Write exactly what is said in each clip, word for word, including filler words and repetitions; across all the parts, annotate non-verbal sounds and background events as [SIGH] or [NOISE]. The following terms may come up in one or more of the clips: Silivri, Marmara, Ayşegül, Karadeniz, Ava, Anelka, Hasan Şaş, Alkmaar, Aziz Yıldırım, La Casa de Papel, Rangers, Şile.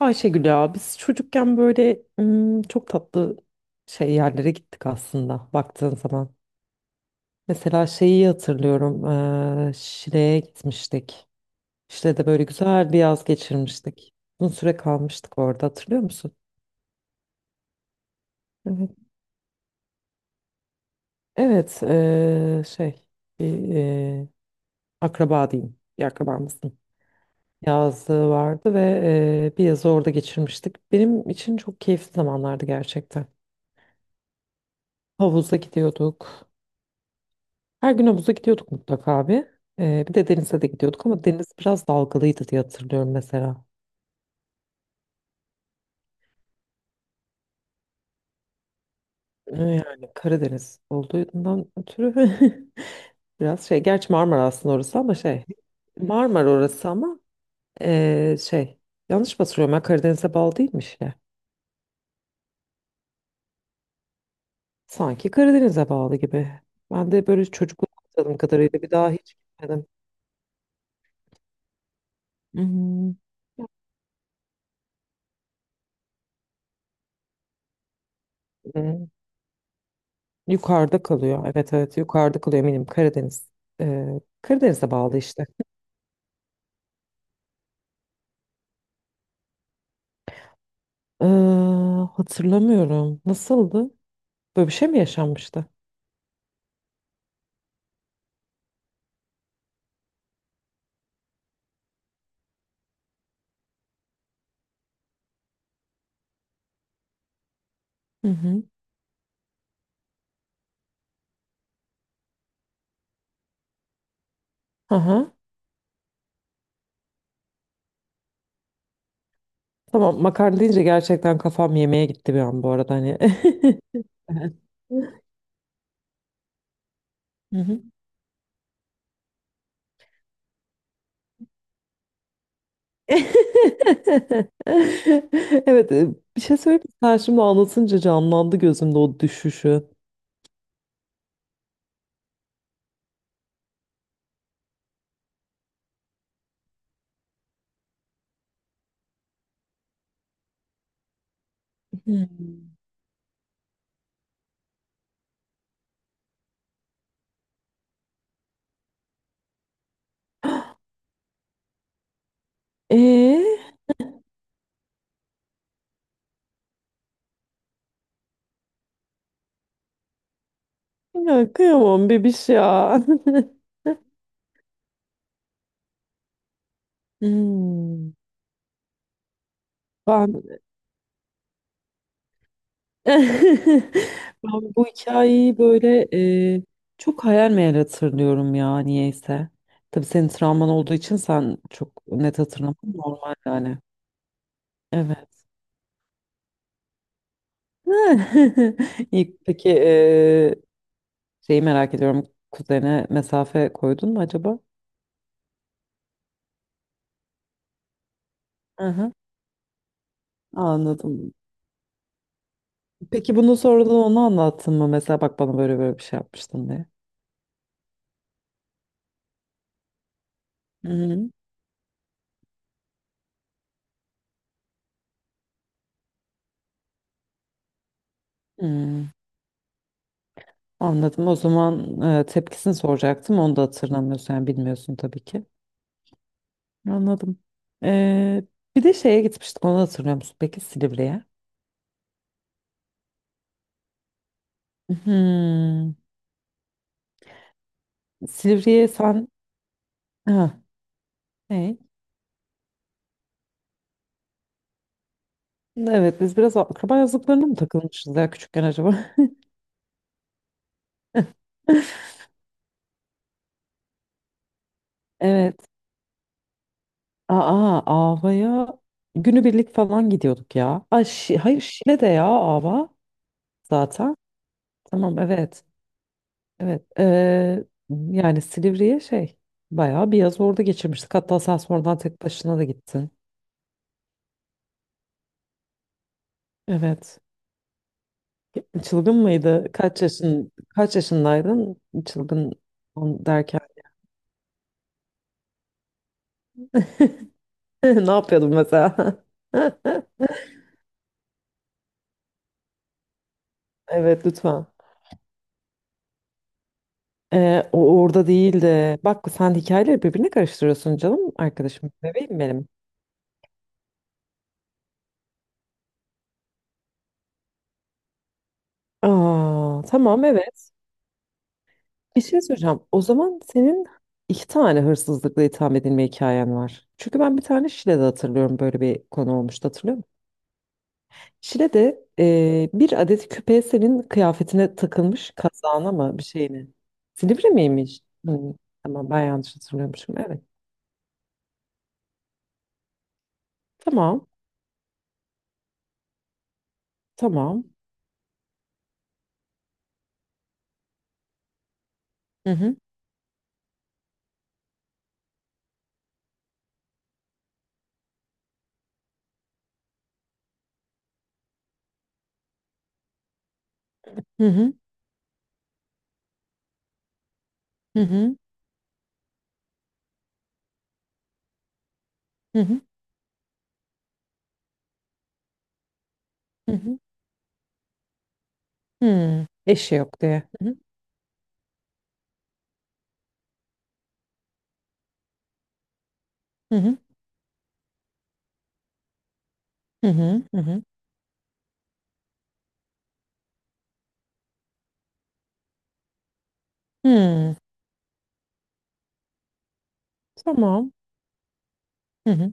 Ayşegül ya biz çocukken böyle ım, çok tatlı şey yerlere gittik aslında baktığın zaman. Mesela şeyi hatırlıyorum. eee, Şile'ye gitmiştik. Şile'de böyle güzel bir yaz geçirmiştik. Uzun süre kalmıştık orada hatırlıyor musun? Evet. Evet eee, şey, bir eee, akraba diyeyim. Bir akrabamızın yazlığı vardı ve eee, bir yazı orada geçirmiştik. Benim için çok keyifli zamanlardı gerçekten. Havuza gidiyorduk. Her gün havuza gidiyorduk mutlaka abi. Ee, bir de denize de gidiyorduk ama deniz biraz dalgalıydı diye hatırlıyorum mesela. Ee, Yani Karadeniz olduğundan ötürü [LAUGHS] biraz şey. Gerçi Marmara aslında orası ama şey. Marmara orası ama ee, şey. Yanlış mı hatırlıyorum ben Karadeniz'e bağlı değilmiş ya. Sanki Karadeniz'e bağlı gibi. Ben de böyle çocukluk hatırladığım kadarıyla bir daha hiç gitmedim. Hmm. Hı, yukarıda kalıyor. Evet evet yukarıda kalıyor eminim Karadeniz. Ee, Karadeniz'e bağlı işte. Ee, hatırlamıyorum. Nasıldı? Böyle bir şey mi yaşanmıştı? Hı hı. Aha. Tamam makarna deyince gerçekten kafam yemeğe gitti bir an bu arada hani. [LAUGHS] Evet. Hı hı. [LAUGHS] Evet, e, bir şey söyleyeyim mi? Sen şimdi anlatınca canlandı gözümde o düşüşü. Hmm. Ee, ya kıyamam bebiş ya. [LAUGHS] Hmm. Ben [LAUGHS] Ben bu hikayeyi böyle e, çok hayal meyal hatırlıyorum ya niyeyse. Tabii senin travman olduğu için sen çok net hatırlaman normal yani. Evet. [LAUGHS] İyi, peki e, şeyi merak ediyorum. Kuzene mesafe koydun mu acaba? Aha, anladım. Peki bunu sonradan ona anlattın mı? Mesela bak bana böyle böyle bir şey yapmıştın diye. Hı hı. Hmm, anladım. O zaman e, tepkisini soracaktım. Onu da hatırlamıyorsun yani bilmiyorsun tabii ki. Anladım. Ee, bir de şeye gitmiştik onu hatırlıyor musun? Peki Silivri'ye. Hmm. Silivri'ye sen... Ha, ne? Evet biz biraz akraba yazlıklarına mı takılmışız ya küçükken acaba? [LAUGHS] Evet. Aa, Ava'ya günübirlik falan gidiyorduk ya. Ay, Şi- hayır Şile'de ya Ava zaten. Tamam evet. Evet. Ee, yani Silivri'ye şey, bayağı bir yaz orada geçirmiştik. Hatta sen sonradan tek başına da gittin. Evet. Çılgın mıydı? Kaç yaşın kaç yaşındaydın? Çılgın on- derken [LAUGHS] ne yapıyordun mesela? [LAUGHS] Evet lütfen. Ee, o orada değildi. Bak sen hikayeleri birbirine karıştırıyorsun canım arkadaşım. Bebeğim benim. Aa, tamam evet. Bir şey soracağım. O zaman senin iki tane hırsızlıkla itham edilme hikayen var. Çünkü ben bir tane Şile'de hatırlıyorum böyle bir konu olmuştu hatırlıyor musun? Şile'de e, bir adet küpe senin kıyafetine takılmış, kazağına mı bir şeyine. Silivri miymiş? Hı, tamam ben yanlış hatırlıyormuşum. Evet. Tamam. Tamam. Hı hı. Hı hı. Hı hı. Hı hı. Hı hı. Hı. Eşi yok diye. Hı hı. Hı hı. Hı hı. Hı hı. Hı. Tamam. Hı hı.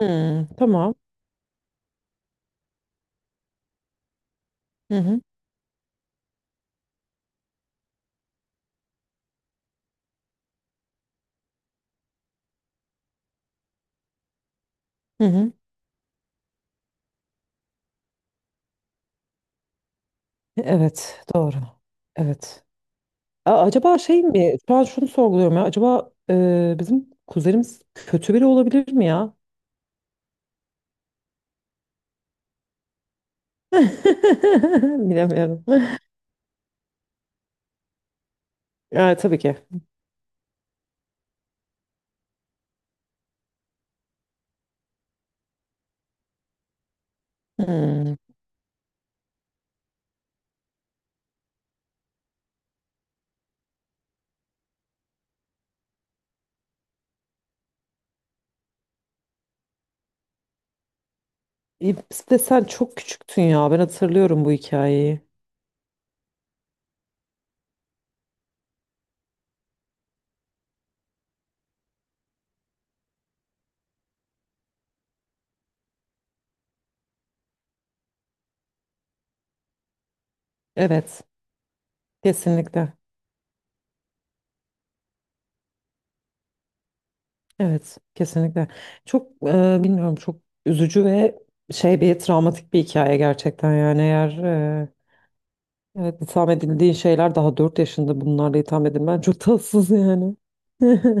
Hı. Tamam. Hı hı. Hı hı. Evet. Doğru. Evet. A- acaba şey mi? Şu an şunu sorguluyorum ya. Acaba e, bizim kuzenimiz kötü biri olabilir mi ya? [LAUGHS] Bilemiyorum. Yani tabii ki. Hmm. E, bir de sen çok küçüktün ya. Ben hatırlıyorum bu hikayeyi. Evet. Kesinlikle. Evet. Kesinlikle. Çok e, bilmiyorum, çok üzücü ve şey, bir travmatik bir hikaye gerçekten, yani eğer e, evet, itham edildiğin şeyler, daha dört yaşında bunlarla itham edilmen çok tatsız yani. [LAUGHS]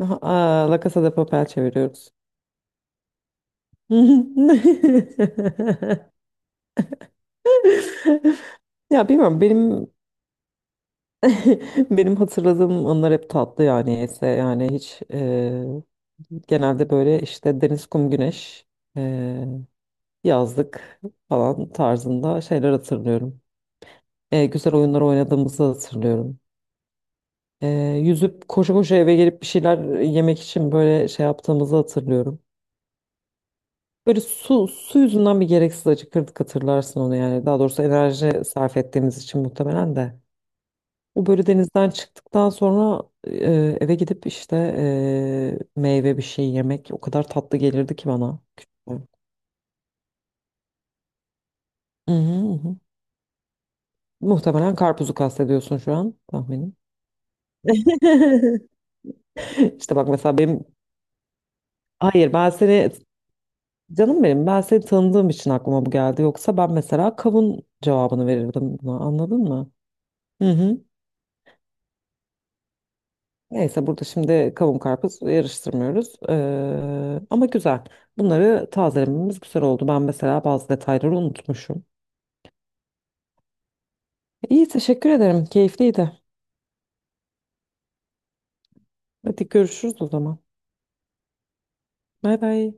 Aha, Aa, La Casa de Papel çeviriyoruz. [LAUGHS] Ya bilmiyorum benim [LAUGHS] Benim hatırladığım anlar hep tatlı yani, ise yani hiç e, genelde böyle işte deniz, kum, güneş, e, yazlık falan tarzında şeyler hatırlıyorum. E, güzel oyunlar oynadığımızı hatırlıyorum. E, yüzüp koşu koşu eve gelip bir şeyler yemek için böyle şey yaptığımızı hatırlıyorum. Böyle su, su yüzünden bir gereksiz acıkırdık hatırlarsın onu yani. Daha doğrusu enerji sarf ettiğimiz için muhtemelen de. O böyle denizden çıktıktan sonra e, eve gidip işte e, meyve bir şey yemek o kadar tatlı gelirdi ki bana, küçükken. Hı hı, hı hı. Muhtemelen karpuzu kastediyorsun şu an tahminim. [LAUGHS] İşte bak mesela benim hayır ben seni canım benim, ben seni tanıdığım için aklıma bu geldi. Yoksa ben mesela kavun cevabını verirdim buna anladın mı? Hı hı. Neyse burada şimdi kavun karpuz yarıştırmıyoruz. Ee, ama güzel. Bunları tazelememiz güzel oldu. Ben mesela bazı detayları unutmuşum. İyi, teşekkür ederim. Keyifliydi. Hadi görüşürüz o zaman. Bay bay.